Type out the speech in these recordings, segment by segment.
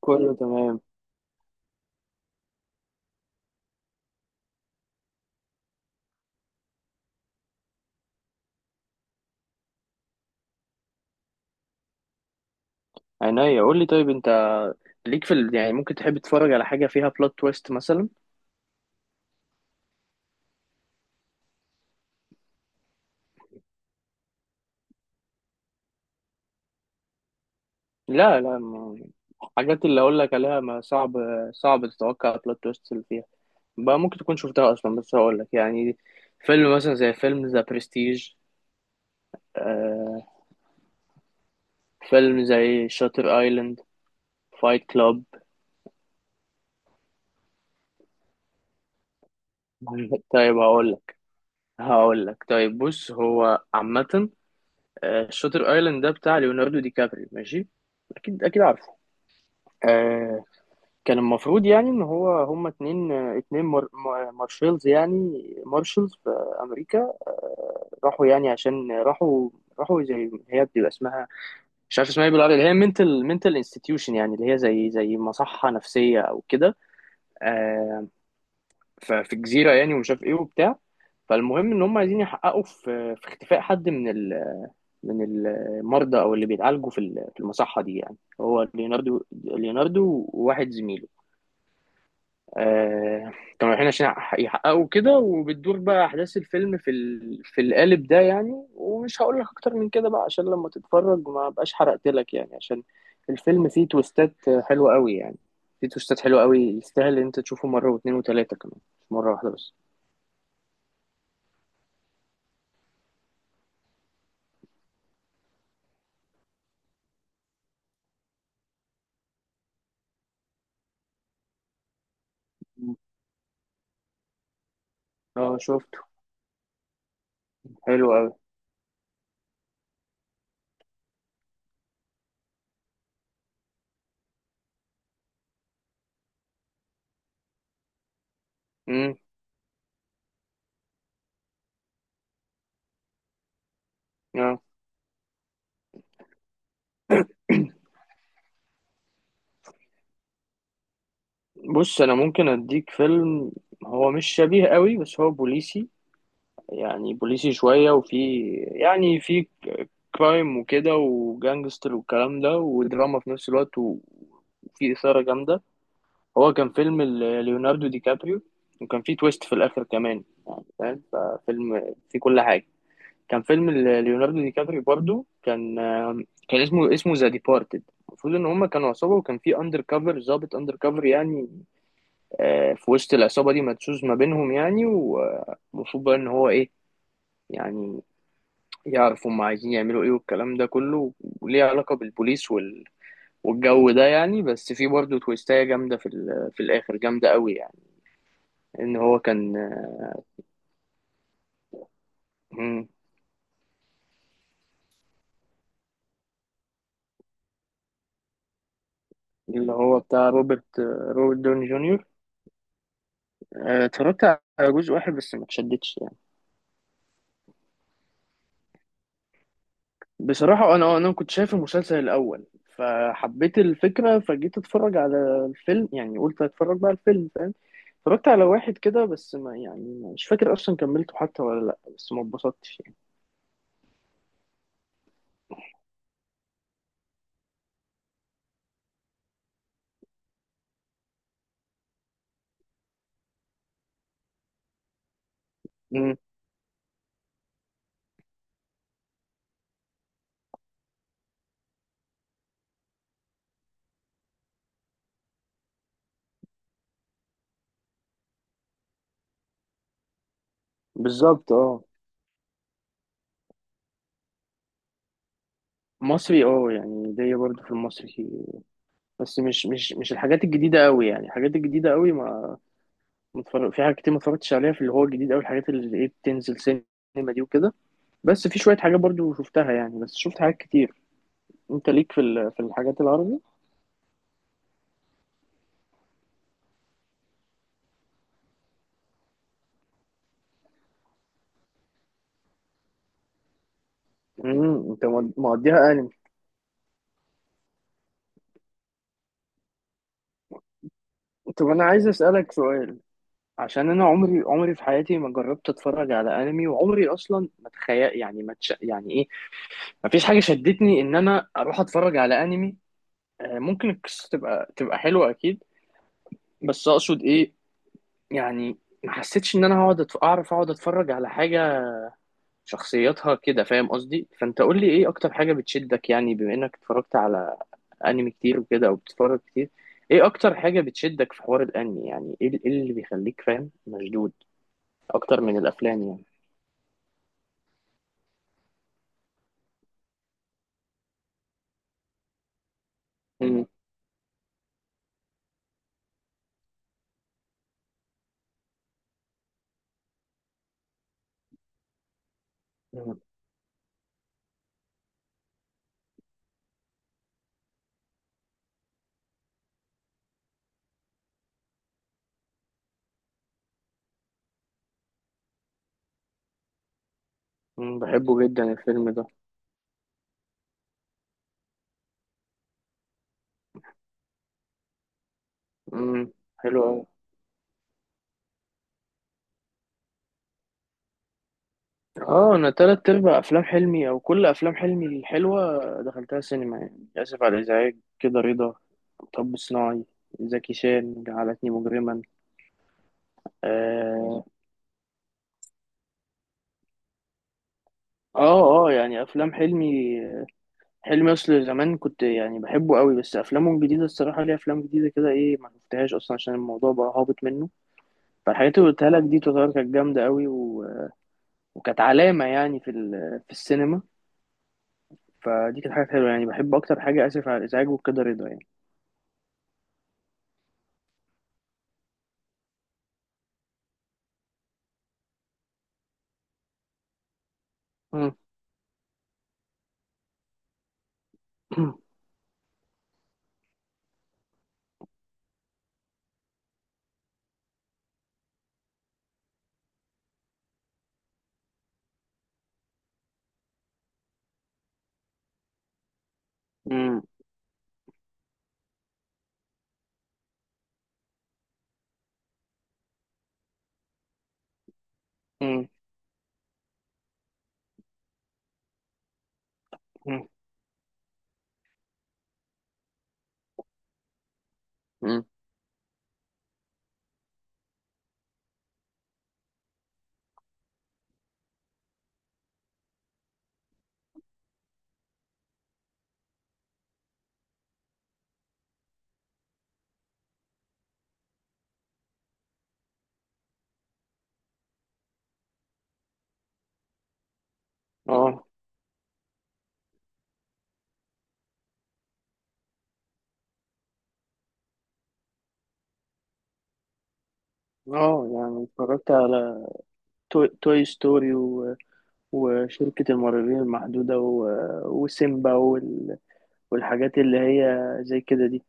كله تمام. عينيا قول لي. طيب انت ليك في يعني ممكن تحب تتفرج على حاجه فيها بلوت تويست مثلا؟ لا لا ما... الحاجات اللي اقول لك عليها ما صعب، صعب تتوقع بلوت تويست اللي فيها، بقى ممكن تكون شفتها اصلا، بس هقول لك. يعني فيلم مثلا زي فيلم ذا برستيج، فيلم زي شاتر ايلاند، فايت كلاب. طيب هقول لك طيب، بص هو عامه. شاتر ايلاند ده بتاع ليوناردو دي كابري، ماشي، اكيد عارفه. آه، كان المفروض يعني ان هو هما اتنين، اتنين مارشلز يعني مارشلز في امريكا. راحوا يعني عشان راحوا زي، هي بتبقى اسمها، مش عارف اسمها ايه بالعربي، اللي هي منتل انستتيوشن، يعني اللي هي زي مصحة نفسية او كده. آه، ففي جزيرة يعني ومش عارف ايه وبتاع. فالمهم ان هم عايزين يحققوا في اختفاء حد من ال من المرضى او اللي بيتعالجوا في المصحة دي، يعني هو ليوناردو، وواحد زميله. آه، كانوا رايحين عشان يحققوا كده، وبتدور بقى احداث الفيلم في القالب ده يعني، ومش هقول لك اكتر من كده بقى، عشان لما تتفرج ما بقاش حرقت لك، يعني عشان الفيلم فيه تويستات حلوة قوي يعني. فيه تويستات حلوة قوي، يستاهل ان انت تشوفه مرة واتنين وتلاتة كمان، مش مرة واحدة بس. مم. اه شفته، حلو قوي. امم. اه، بص انا ممكن اديك فيلم. هو مش شبيه قوي بس هو بوليسي، يعني بوليسي شوية، وفي يعني في كرايم وكده وجانجستر والكلام ده، ودراما في نفس الوقت، وفي إثارة جامدة. هو كان فيلم ليوناردو دي كابريو، وكان فيه تويست في الآخر كمان يعني، فاهم؟ ففيلم فيه كل حاجة. كان فيلم ليوناردو دي كابريو برضو، كان اسمه، اسمه ذا ديبارتد. المفروض ان هما كانوا عصابه، وكان في اندر كفر، ضابط اندر كفر يعني. في وسط العصابه دي، مدسوس ما بينهم يعني. المفروض بقى ان هو ايه، يعني يعرفوا هم عايزين يعملوا ايه والكلام ده كله، وليه علاقة بالبوليس والجو ده يعني. بس في برضه تويستاية جامدة في الآخر جامدة قوي يعني، إن هو كان. مم. اللي هو بتاع روبرت دوني جونيور. اتفرجت على جزء واحد بس ما اتشدتش يعني. بصراحة أنا كنت شايف المسلسل الأول، فحبيت الفكرة، فجيت أتفرج على الفيلم، يعني قلت أتفرج بقى على الفيلم، فاهم؟ اتفرجت على واحد كده، بس ما، يعني مش فاكر أصلا كملته حتى ولا لأ، بس ما اتبسطتش يعني. مم. بالظبط اه. مصري، اه يعني ليا برضه في المصري، بس مش الحاجات الجديدة قوي. يعني الحاجات الجديدة قوي ما متفرج، في حاجات كتير ما اتفرجتش عليها، في اللي هو الجديد قوي، الحاجات اللي ايه بتنزل سينما دي وكده. بس في شوية حاجات برضه شفتها يعني، بس شفت حاجات كتير. انت ليك في الحاجات العربي؟ امم. انت موديها انمي. طب انا عايز اسألك سؤال. عشان انا عمري في حياتي ما جربت اتفرج على انمي، وعمري اصلا ما تخيل، يعني ما تش... يعني ايه، ما فيش حاجة شدتني ان انا اروح اتفرج على انمي. ممكن القصة تبقى حلوة أكيد، بس أقصد إيه يعني، ما حسيتش إن أنا هقعد أعرف أقعد أتفرج على حاجة شخصيتها كده، فاهم قصدي؟ فأنت قول لي إيه أكتر حاجة بتشدك، يعني بما إنك اتفرجت على أنمي كتير وكده، أو بتتفرج كتير. إيه أكتر حاجة بتشدك في حوار الأنمي؟ يعني إيه إيه اللي بيخليك فاهم مشدود أكتر من الأفلام يعني؟ مم. مم. مم. بحبه جدا الفيلم ده. مم. حلو أوي. اه انا تلات ارباع افلام حلمي او كل افلام حلمي الحلوه دخلتها سينما، يعني اسف على الازعاج، كده رضا، مطب صناعي، زكي شان، جعلتني مجرما. اه. اه يعني افلام حلمي، حلمي اصل زمان كنت يعني بحبه قوي، بس افلامه الجديده الصراحه ليه افلام جديده كده ايه ما شفتهاش اصلا، عشان الموضوع بقى هابط منه. فالحاجات اللي قلتها لك دي تعتبر كانت جامده قوي، وكانت علامه يعني في السينما. فدي كانت حاجه حلوه يعني، بحب اكتر حاجه اسف على الازعاج وكده رضا يعني. مم. امم. امم. امم. امم. اه. اه يعني اتفرجت على توي ستوري، وشركة المرعبين المحدودة، وسيمبا والحاجات اللي هي زي كده دي.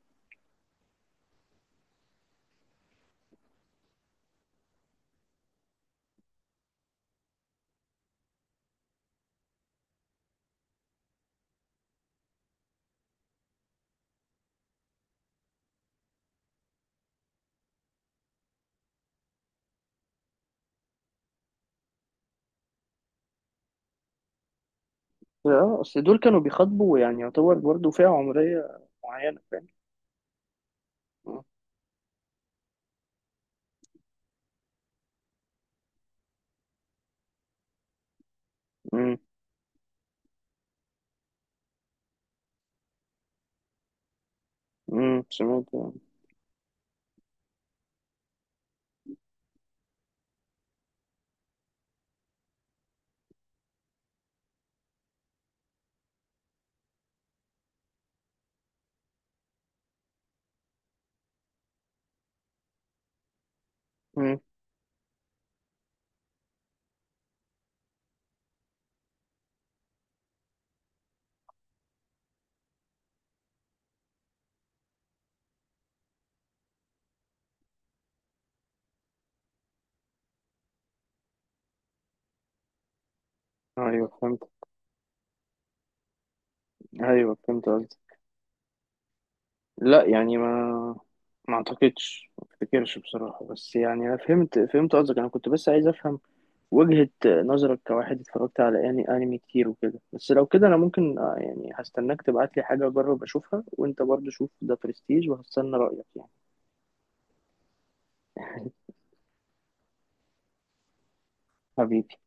اه اصل دول كانوا بيخاطبوا، يعني يعتبر برضو فئة عمرية معينة، فاهم؟ امم. امم، سمعت. امم. ايوه فهمت. ايوه فهمت قصدي. لا يعني ما، ما اعتقدش، ما افتكرش بصراحة، بس يعني انا فهمت، فهمت قصدك. انا كنت بس عايز افهم وجهة نظرك كواحد اتفرجت على يعني انمي كتير وكده. بس لو كده انا ممكن، يعني هستناك تبعت لي حاجة اجرب اشوفها، وانت برضو شوف ده برستيج وهستنى رأيك يعني. حبيبي.